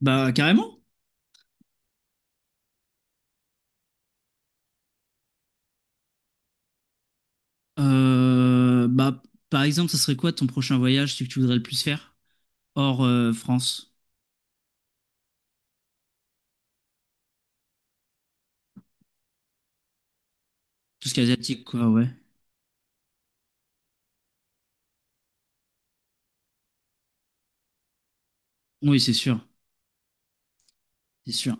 Bah, carrément. Bah, par exemple, ça serait quoi ton prochain voyage, celui que tu voudrais le plus faire? Hors France. Tout ce qui est asiatique, quoi, ouais. Oui, c'est sûr. C'est sûr.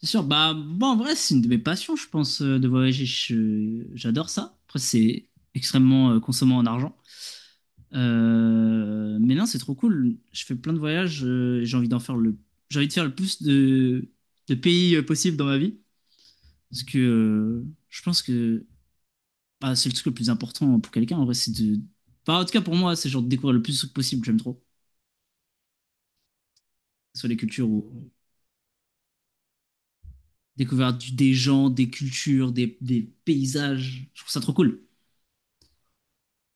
C'est sûr. Bah, bon, en vrai, c'est une de mes passions, je pense, de voyager. J'adore ça. Après, c'est extrêmement consommant en argent. Mais non, c'est trop cool. Je fais plein de voyages. J'ai envie de faire le plus de pays possible dans ma vie. Parce que je pense que bah, c'est le truc le plus important pour quelqu'un, en vrai, c'est de. Bah, en tout cas, pour moi, c'est genre de découvrir le plus de trucs possible, j'aime trop. Sur les cultures ou découvrir des gens, des cultures, des paysages. Je trouve ça trop cool.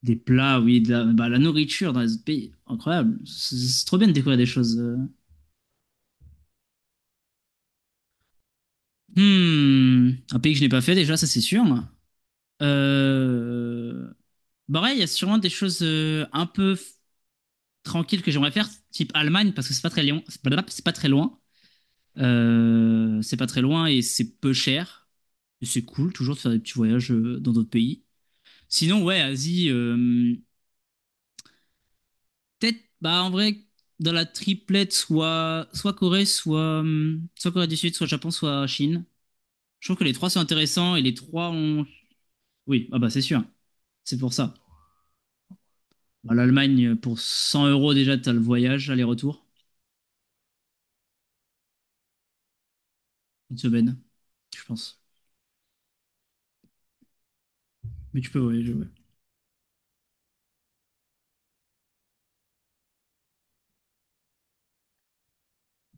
Des plats, oui, bah, la nourriture dans les autres pays, incroyable. C'est trop bien de découvrir des choses. Hmm, un pays que je n'ai pas fait déjà, ça c'est sûr. Euh... Bah ouais, il y a sûrement des choses un peu tranquilles que j'aimerais faire, type Allemagne, parce que c'est pas très loin. C'est pas très loin. C'est pas très loin et c'est peu cher. Et c'est cool toujours de faire des petits voyages dans d'autres pays. Sinon, ouais, Asie, peut-être, bah en vrai, dans la triplette, soit Corée, soit, soit Corée du Sud, soit Japon, soit Chine. Je trouve que les trois sont intéressants et les trois ont. Oui, ah bah c'est sûr, c'est pour ça. Bah, l'Allemagne, pour 100 € déjà, t'as le voyage, aller-retour, une semaine, je pense. Mais tu peux voyager, ouais.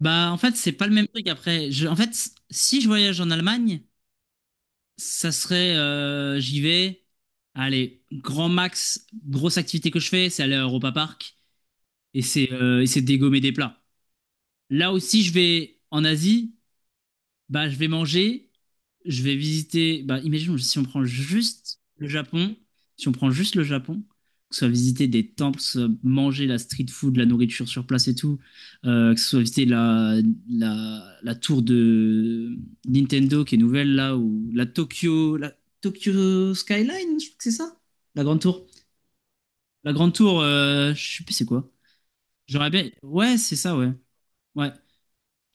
Bah en fait, c'est pas le même truc après. En fait, si je voyage en Allemagne, ça serait, j'y vais. Allez, grand max, grosse activité que je fais, c'est aller à Europa Park et c'est dégommer des plats. Là aussi, je vais en Asie bah, je vais manger, je vais visiter. Bah, imaginons si on prend juste le Japon, si on prend juste le Japon, que ce soit visiter des temples, que ce soit manger la street food, la nourriture sur place et tout, que ce soit visiter la tour de Nintendo qui est nouvelle là, ou la Tokyo Skyline, je crois que c'est ça? La grande tour. La grande tour, je sais plus c'est quoi. J'aurais bien. Ouais, c'est ça, ouais. Ouais.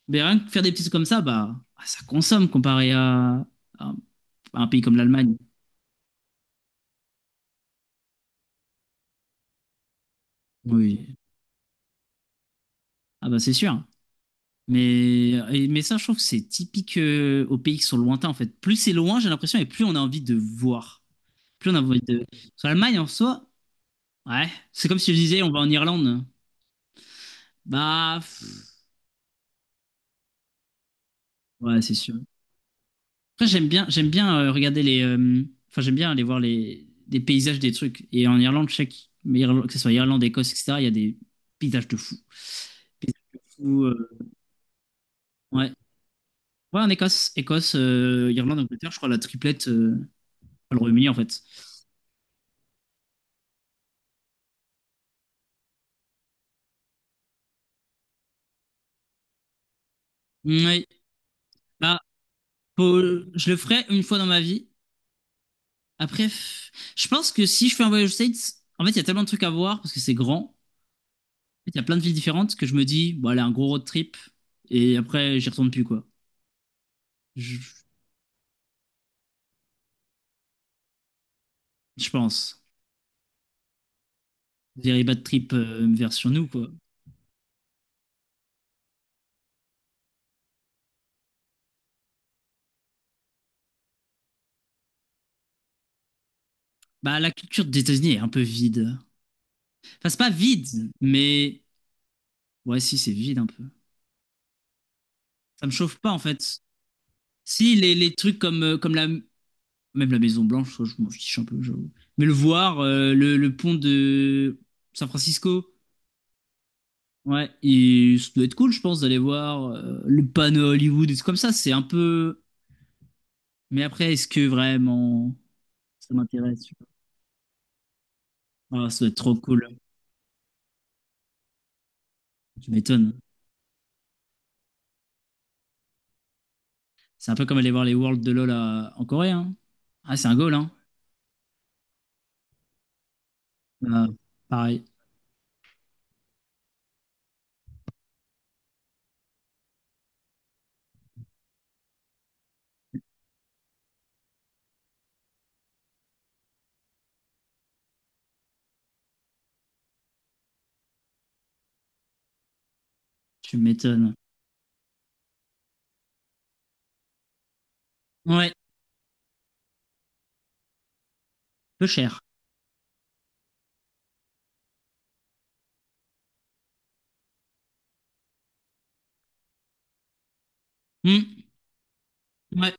Mais rien que faire des petits trucs comme ça, bah, ah, ça consomme comparé à un à un pays comme l'Allemagne. Oui. Ah bah c'est sûr. Mais ça, je trouve que c'est typique aux pays qui sont lointains, en fait. Plus c'est loin, j'ai l'impression, et plus on a envie de voir. Plus on a envie de. Sur l'Allemagne, en soi, ouais. C'est comme si je disais, on va en Irlande. Bah, pff, ouais, c'est sûr. Après, j'aime bien regarder les. Enfin, j'aime bien aller voir des paysages des trucs. Et en Irlande, je sais que, que ce soit Irlande, Écosse, etc., il y a des paysages de fou. Paysages de fou. Ouais. Ouais, en Écosse, Irlande, Angleterre, je crois la triplette, enfin, le Royaume-Uni en fait. Ouais. Bah, je le ferai une fois dans ma vie. Après, je pense que si je fais un voyage aux States, en fait, il y a tellement de trucs à voir parce que c'est grand. En fait, il y a plein de villes différentes que je me dis, bon, allez, un gros road trip. Et après, j'y retourne plus, quoi. Je- je pense. Very bad trip version nous, quoi. Bah, la culture des États-Unis est un peu vide. Enfin, c'est pas vide, mais ouais, si, c'est vide un peu. Ça me chauffe pas, en fait. Si, les trucs comme, comme la. Même la Maison Blanche, je m'en fiche un peu, j'avoue. Mais le voir, le pont de San Francisco, ouais, et ça doit être cool, je pense, d'aller voir le panneau Hollywood et tout comme ça, c'est un peu. Mais après, est-ce que vraiment ça m'intéresse? Tu vois? Ah, ça doit être trop cool, tu m'étonnes. C'est un peu comme aller voir les Worlds de LoL en Corée. Hein. Ah, c'est un goal. Hein. Euh, pareil, tu m'étonnes. Ouais, peu cher. Hmm. Ouais,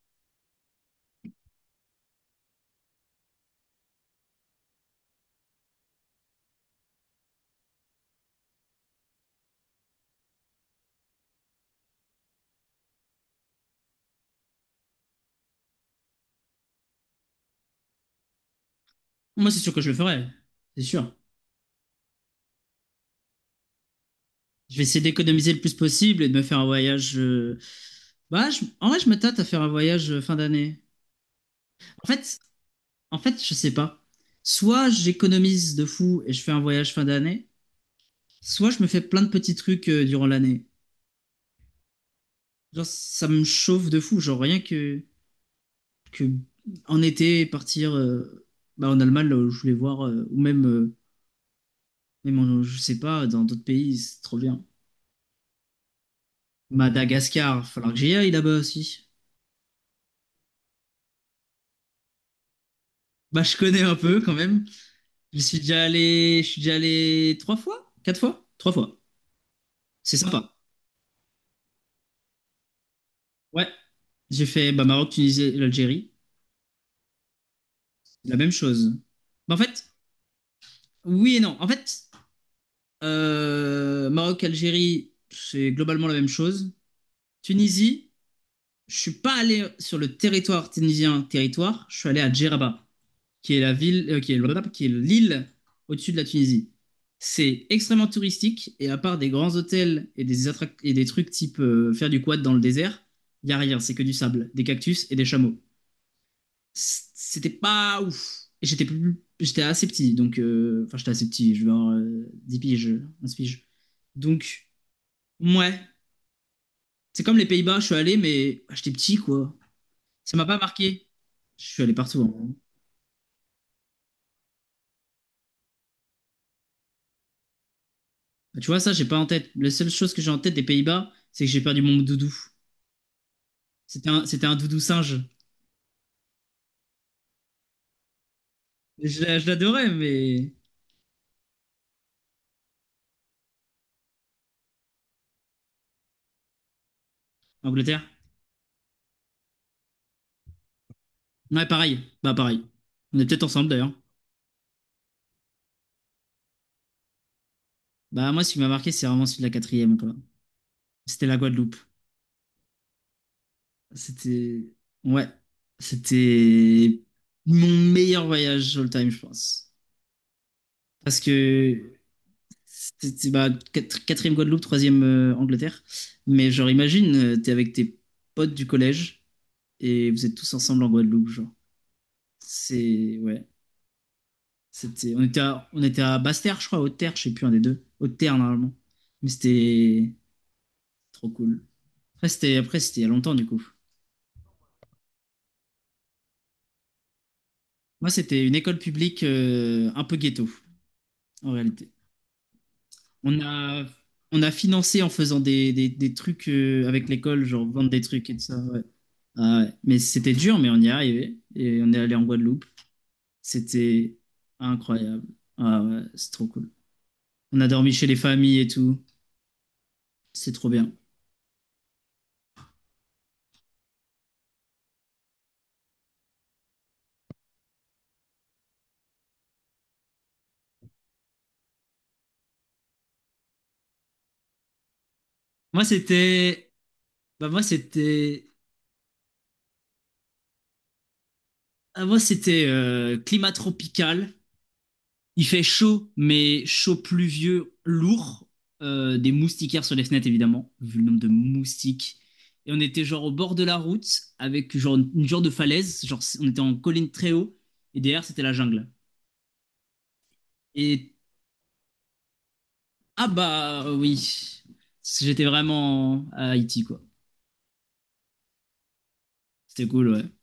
moi, c'est sûr que je le ferai. C'est sûr. Je vais essayer d'économiser le plus possible et de me faire un voyage. Bah, en vrai, je me tâte à faire un voyage fin d'année. En fait, en fait, je sais pas. Soit j'économise de fou et je fais un voyage fin d'année, soit je me fais plein de petits trucs durant l'année. Genre, ça me chauffe de fou. Genre, rien que en été, partir bah, en Allemagne, là où je voulais voir, ou même, même je sais pas, dans d'autres pays, c'est trop bien. Madagascar, falloir que j'y aille là-bas aussi. Bah, je connais un peu quand même. Je suis déjà allé, je suis déjà allé trois fois, quatre fois, trois fois. C'est sympa. Ouais, j'ai fait bah, Maroc, Tunisie, et l'Algérie, la même chose. Bah, en fait, oui et non. En fait, Maroc, Algérie, c'est globalement la même chose. Tunisie. Je suis pas allé sur le territoire tunisien, je suis allé à Djeraba, qui est la ville, qui est blablabla, qui est l'île au-dessus de la Tunisie. C'est extrêmement touristique et à part des grands hôtels et et des trucs type faire du quad dans le désert, il y a rien, c'est que du sable, des cactus et des chameaux. C'était pas ouf. Et j'étais plus, j'étais assez petit, donc enfin j'étais assez petit, je vais avoir 10 piges, 11 piges. Donc ouais, c'est comme les Pays-Bas, je suis allé mais bah, j'étais petit quoi. Ça m'a pas marqué. Je suis allé partout, hein. Bah, tu vois, ça, j'ai pas en tête. La seule chose que j'ai en tête des Pays-Bas, c'est que j'ai perdu mon doudou. C'était un doudou singe. Je l'adorais, mais. Angleterre? Ouais, pareil. Bah, pareil. On est peut-être ensemble d'ailleurs. Bah, moi, ce qui m'a marqué, c'est vraiment celui de la quatrième, quoi. C'était la Guadeloupe. C'était. Ouais. C'était mon meilleur voyage all time, je pense. Parce que c'était bah, quatrième Guadeloupe, troisième Angleterre. Mais genre, imagine, t'es avec tes potes du collège et vous êtes tous ensemble en Guadeloupe, genre. C'est ouais, c'était. On était à Basse-Terre, je crois, Haute-Terre, je sais plus un des deux. Haute-Terre normalement. Mais c'était trop cool. Après c'était il y a longtemps du coup. Moi c'était une école publique un peu ghetto en réalité. On a on a financé en faisant des trucs avec l'école, genre vendre des trucs et tout ça, ouais. Ah ouais. Mais c'était dur, mais on y est arrivé. Et on est allé en Guadeloupe. C'était incroyable. Ah ouais, c'est trop cool. On a dormi chez les familles et tout. C'est trop bien. Moi, c'était. Bah, moi, c'était. Ah, moi, c'était climat tropical. Il fait chaud, mais chaud pluvieux, lourd. Des moustiquaires sur les fenêtres, évidemment, vu le nombre de moustiques. Et on était genre au bord de la route, avec genre une genre de falaise. Genre, on était en colline très haut. Et derrière, c'était la jungle. Et ah bah oui, j'étais vraiment à Haïti, quoi. C'était cool, ouais.